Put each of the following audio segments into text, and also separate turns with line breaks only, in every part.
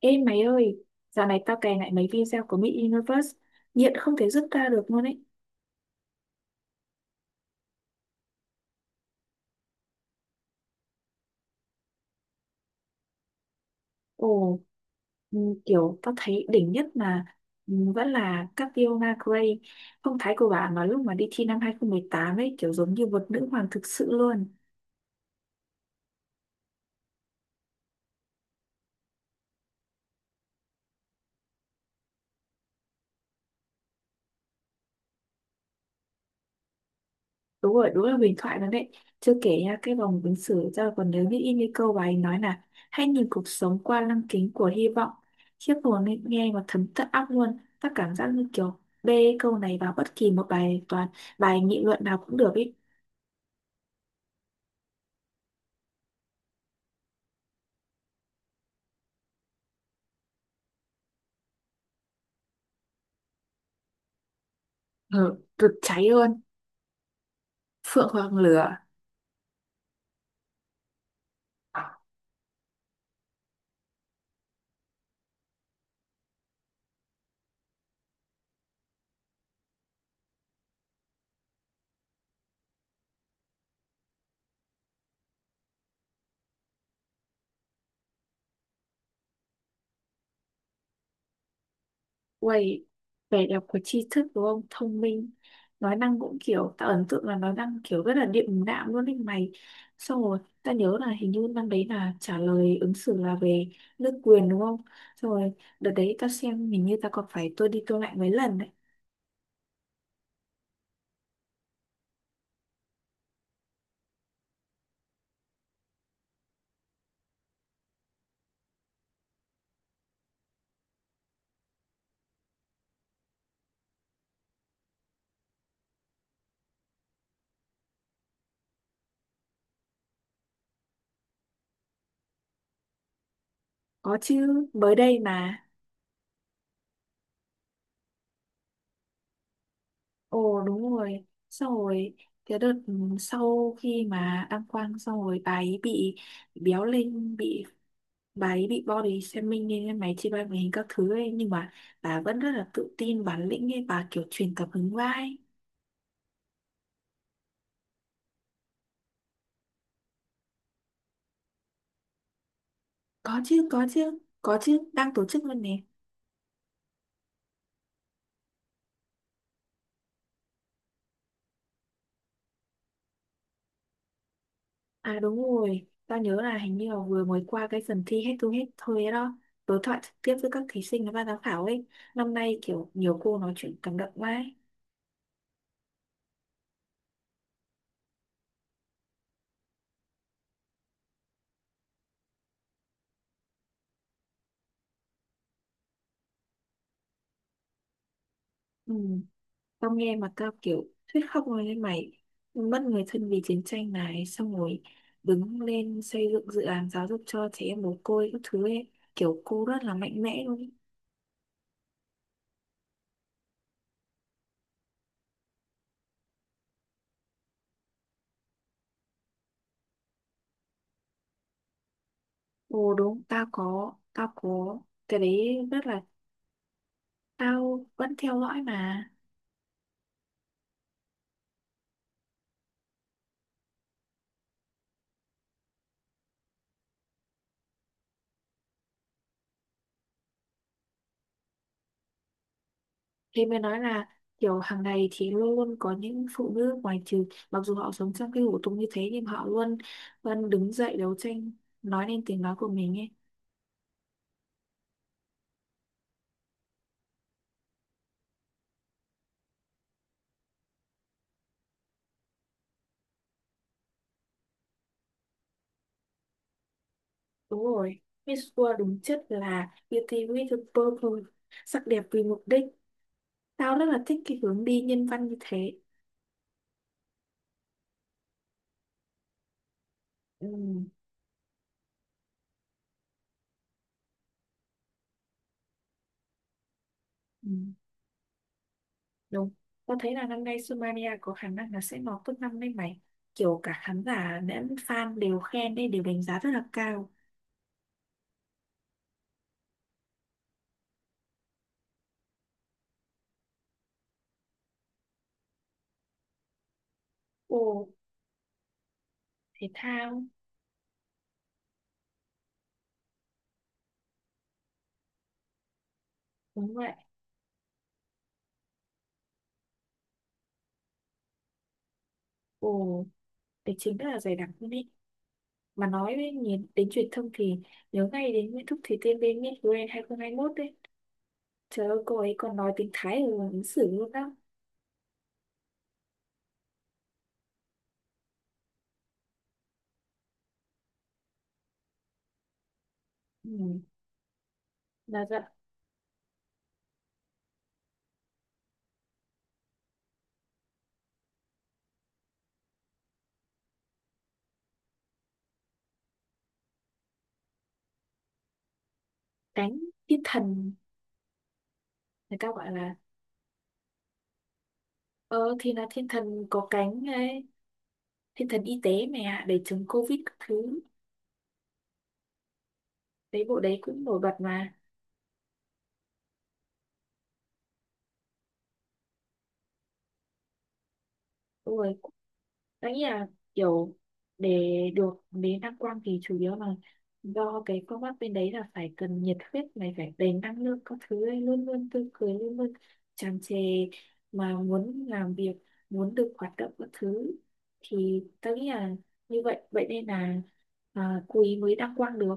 Ê mày ơi, dạo này tao cày lại mấy video của Miss Universe, nghiện không thể dứt ra được luôn ấy. Ồ, ừ, kiểu tao thấy đỉnh nhất mà ừ, vẫn là Catriona Gray, phong thái của bà mà lúc mà đi thi năm 2018 ấy, kiểu giống như một nữ hoàng thực sự luôn. Đúng rồi, đúng là huyền thoại luôn đấy, chưa kể nha, cái vòng ứng xử ra còn nhớ biết in cái câu bà ấy nói là hãy nhìn cuộc sống qua lăng kính của hy vọng. Khiếp hồn ấy, nghe mà thấm tận óc luôn, ta cảm giác như kiểu bê câu này vào bất kỳ một bài toán, bài nghị luận nào cũng được ấy. Ừ, rực cháy luôn. Phượng hoàng lửa. Uầy, vẻ đẹp của tri thức đúng không? Thông minh. Nói năng cũng kiểu, tạo ấn tượng là nói năng kiểu rất là điềm đạm luôn đấy mày. Xong rồi, ta nhớ là hình như năm đấy là trả lời ứng xử là về nước quyền đúng không? Xong rồi, đợt đấy ta xem hình như ta còn phải tua đi tua lại mấy lần đấy. Có chứ, mới đây mà. Ồ đúng rồi. Xong rồi, cái đợt ừ, sau khi mà đăng quang xong rồi bà ấy bị béo lên, bị bà ấy bị body shaming nên em máy chị bay hình các thứ ấy, nhưng mà bà vẫn rất là tự tin bản lĩnh ấy, bà kiểu truyền cảm hứng vai. Có chứ, có chứ, có chứ, đang tổ chức luôn nè. À đúng rồi, tao nhớ là hình như là vừa mới qua cái phần thi head to head thôi ấy đó, đối thoại trực tiếp với các thí sinh và ban giám khảo ấy. Năm nay kiểu nhiều cô nói chuyện cảm động quá ấy. Ừ. Tao nghe mà tao kiểu thuyết khóc rồi lên mày, mất người thân vì chiến tranh này, xong rồi đứng lên xây dựng dự án giáo dục cho trẻ em mồ côi các thứ ấy. Kiểu cô rất là mạnh mẽ luôn. Ồ đúng, tao có cái đấy rất là, tao vẫn theo dõi mà. Thế mới nói là kiểu hàng ngày thì luôn luôn có những phụ nữ ngoài trừ mặc dù họ sống trong cái hủ tục như thế nhưng họ luôn vẫn đứng dậy đấu tranh nói lên tiếng nói của mình ấy. Đúng rồi, Miss World đúng chất là Beauty with a Purpose, sắc đẹp vì mục đích. Tao rất là thích cái hướng đi nhân văn như thế. Ừ, ừ, đúng. Tao thấy là năm nay Sumania có khả năng là sẽ lọt top năm đấy mày. Kiểu cả khán giả lẫn fan đều khen đấy, đều đánh giá rất là cao. Ồ, thể thao, đúng vậy. Ồ, tài chính rất là dày đặc luôn ý. Mà nói đến, đến truyền thông thì nhớ ngay đến Nguyễn Thúc Thủy Tiên bên Miss Grand hai không hai mốt đấy. Trời ơi, cô ấy còn nói tiếng Thái ở ứng xử luôn đó. Ừ, là dạng cánh thiên thần, người ta gọi là, ờ thì là thiên thần có cánh ấy, thiên thần y tế mẹ ạ để chống covid các thứ. Đấy bộ đấy cũng nổi bật mà. Đúng rồi. Nghĩ là kiểu để được đến đăng quang thì chủ yếu là do cái công tác bên đấy là phải cần nhiệt huyết này, phải đầy năng lượng các thứ ấy, luôn luôn tươi cười, luôn luôn tràn trề, mà muốn làm việc, muốn được hoạt động các thứ, thì tôi nghĩ là như vậy, vậy nên là à, quý mới đăng quang được.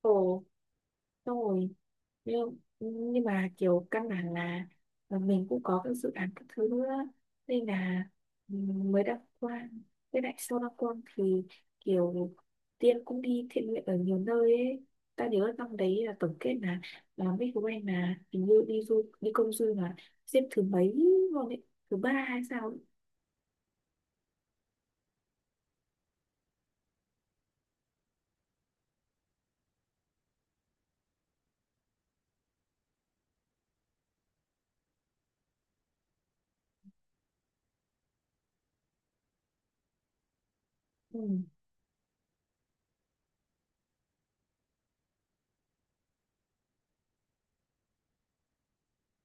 Ồ xong rồi, nhưng mà kiểu căn bản là mình cũng có các dự án các thứ nữa nên là mới đăng quang. Với lại sau đăng quang thì kiểu Tiên cũng đi thiện nguyện ở nhiều nơi ấy. Ta nhớ năm đấy là tổng kết là mấy của anh là hình như đi du đi công du là xếp thứ mấy luôn ấy, thứ ba hay sao ấy. Ừ.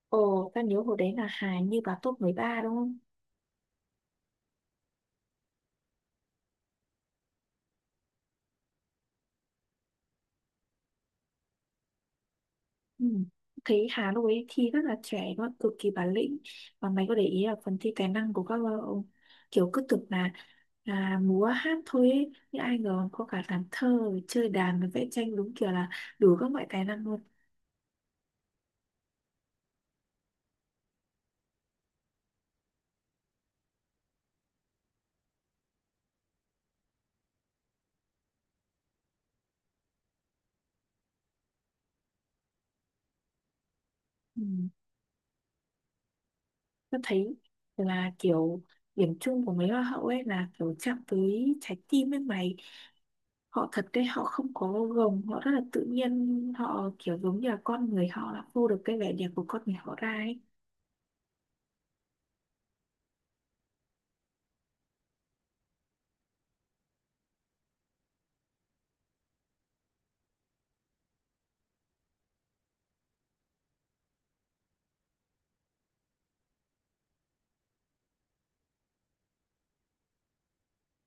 Ồ, ta nhớ hồi đấy là Hà như vào top 13 đúng không? Ừ. Thấy Hà lúc ấy thi rất là trẻ luôn, cực kỳ bản lĩnh. Và mày có để ý là phần thi tài năng của các bạn không? Kiểu cứ tưởng là múa hát thôi ấy, nhưng ai ngờ có cả làm thơ rồi chơi đàn rồi vẽ tranh, đúng kiểu là đủ các loại tài năng luôn. Ừ. Tôi thấy là kiểu điểm chung của mấy hoa hậu ấy là kiểu chạm tới trái tim với mày, họ thật đấy, họ không có gồng, họ rất là tự nhiên, họ kiểu giống như là con người họ, là phô được cái vẻ đẹp của con người họ ra ấy.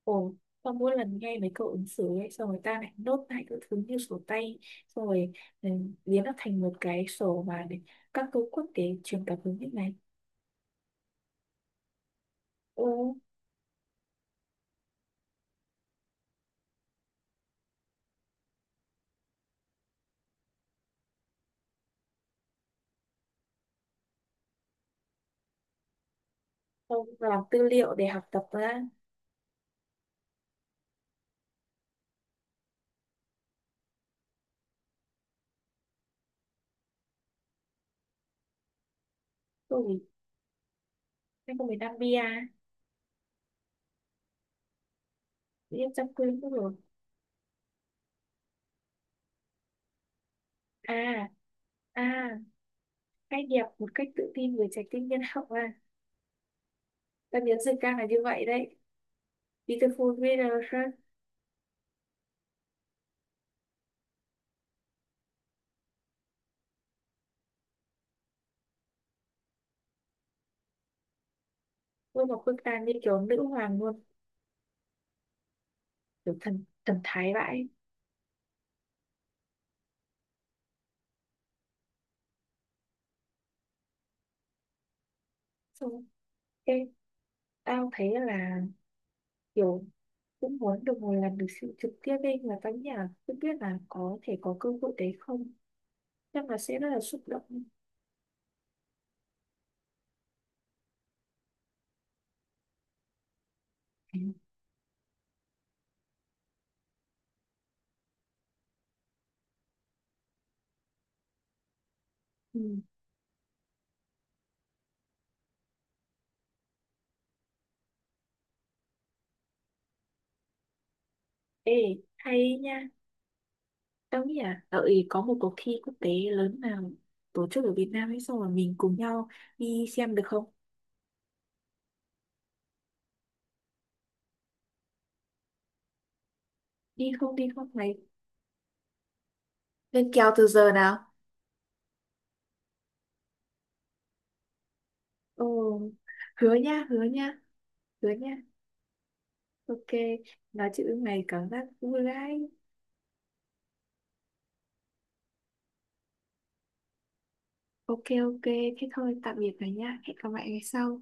Ồ, xong mỗi lần nghe mấy câu ứng xử ấy, xong người ta lại nốt lại các thứ như sổ tay, xong rồi ừ, biến nó thành một cái sổ mà để các câu quốc tế truyền cảm hứng như này. Ồ, xong làm tư liệu để học tập ra. Ôi, em có miền Nam Bia, em chăm quên mất rồi. À, à, cái đẹp một cách tự tin với trái tim nhân hậu à. Ta biến dịch ra là như vậy đấy. Beautiful Veneration, ôi một bức tàn như kiểu nữ hoàng luôn, kiểu thần thái vãi. Xong, cái tao thấy là kiểu cũng muốn được ngồi làm được sự trực tiếp ấy, là các nhà cũng biết là có thể có cơ hội đấy không, chắc là sẽ rất là xúc động. Ừ. Ê, hay nha, tao nghĩ là đợi có một cuộc thi quốc tế lớn nào tổ chức ở Việt Nam ấy xong rồi mình cùng nhau đi xem được không? Đi không, đi không này? Lên kèo từ giờ nào? Ồ, hứa nha, hứa nha, hứa nha. Ok, nói chuyện lúc này cảm giác vui đấy. Ok, ok, thế thôi, tạm biệt rồi nha. Hẹn gặp lại ngày sau.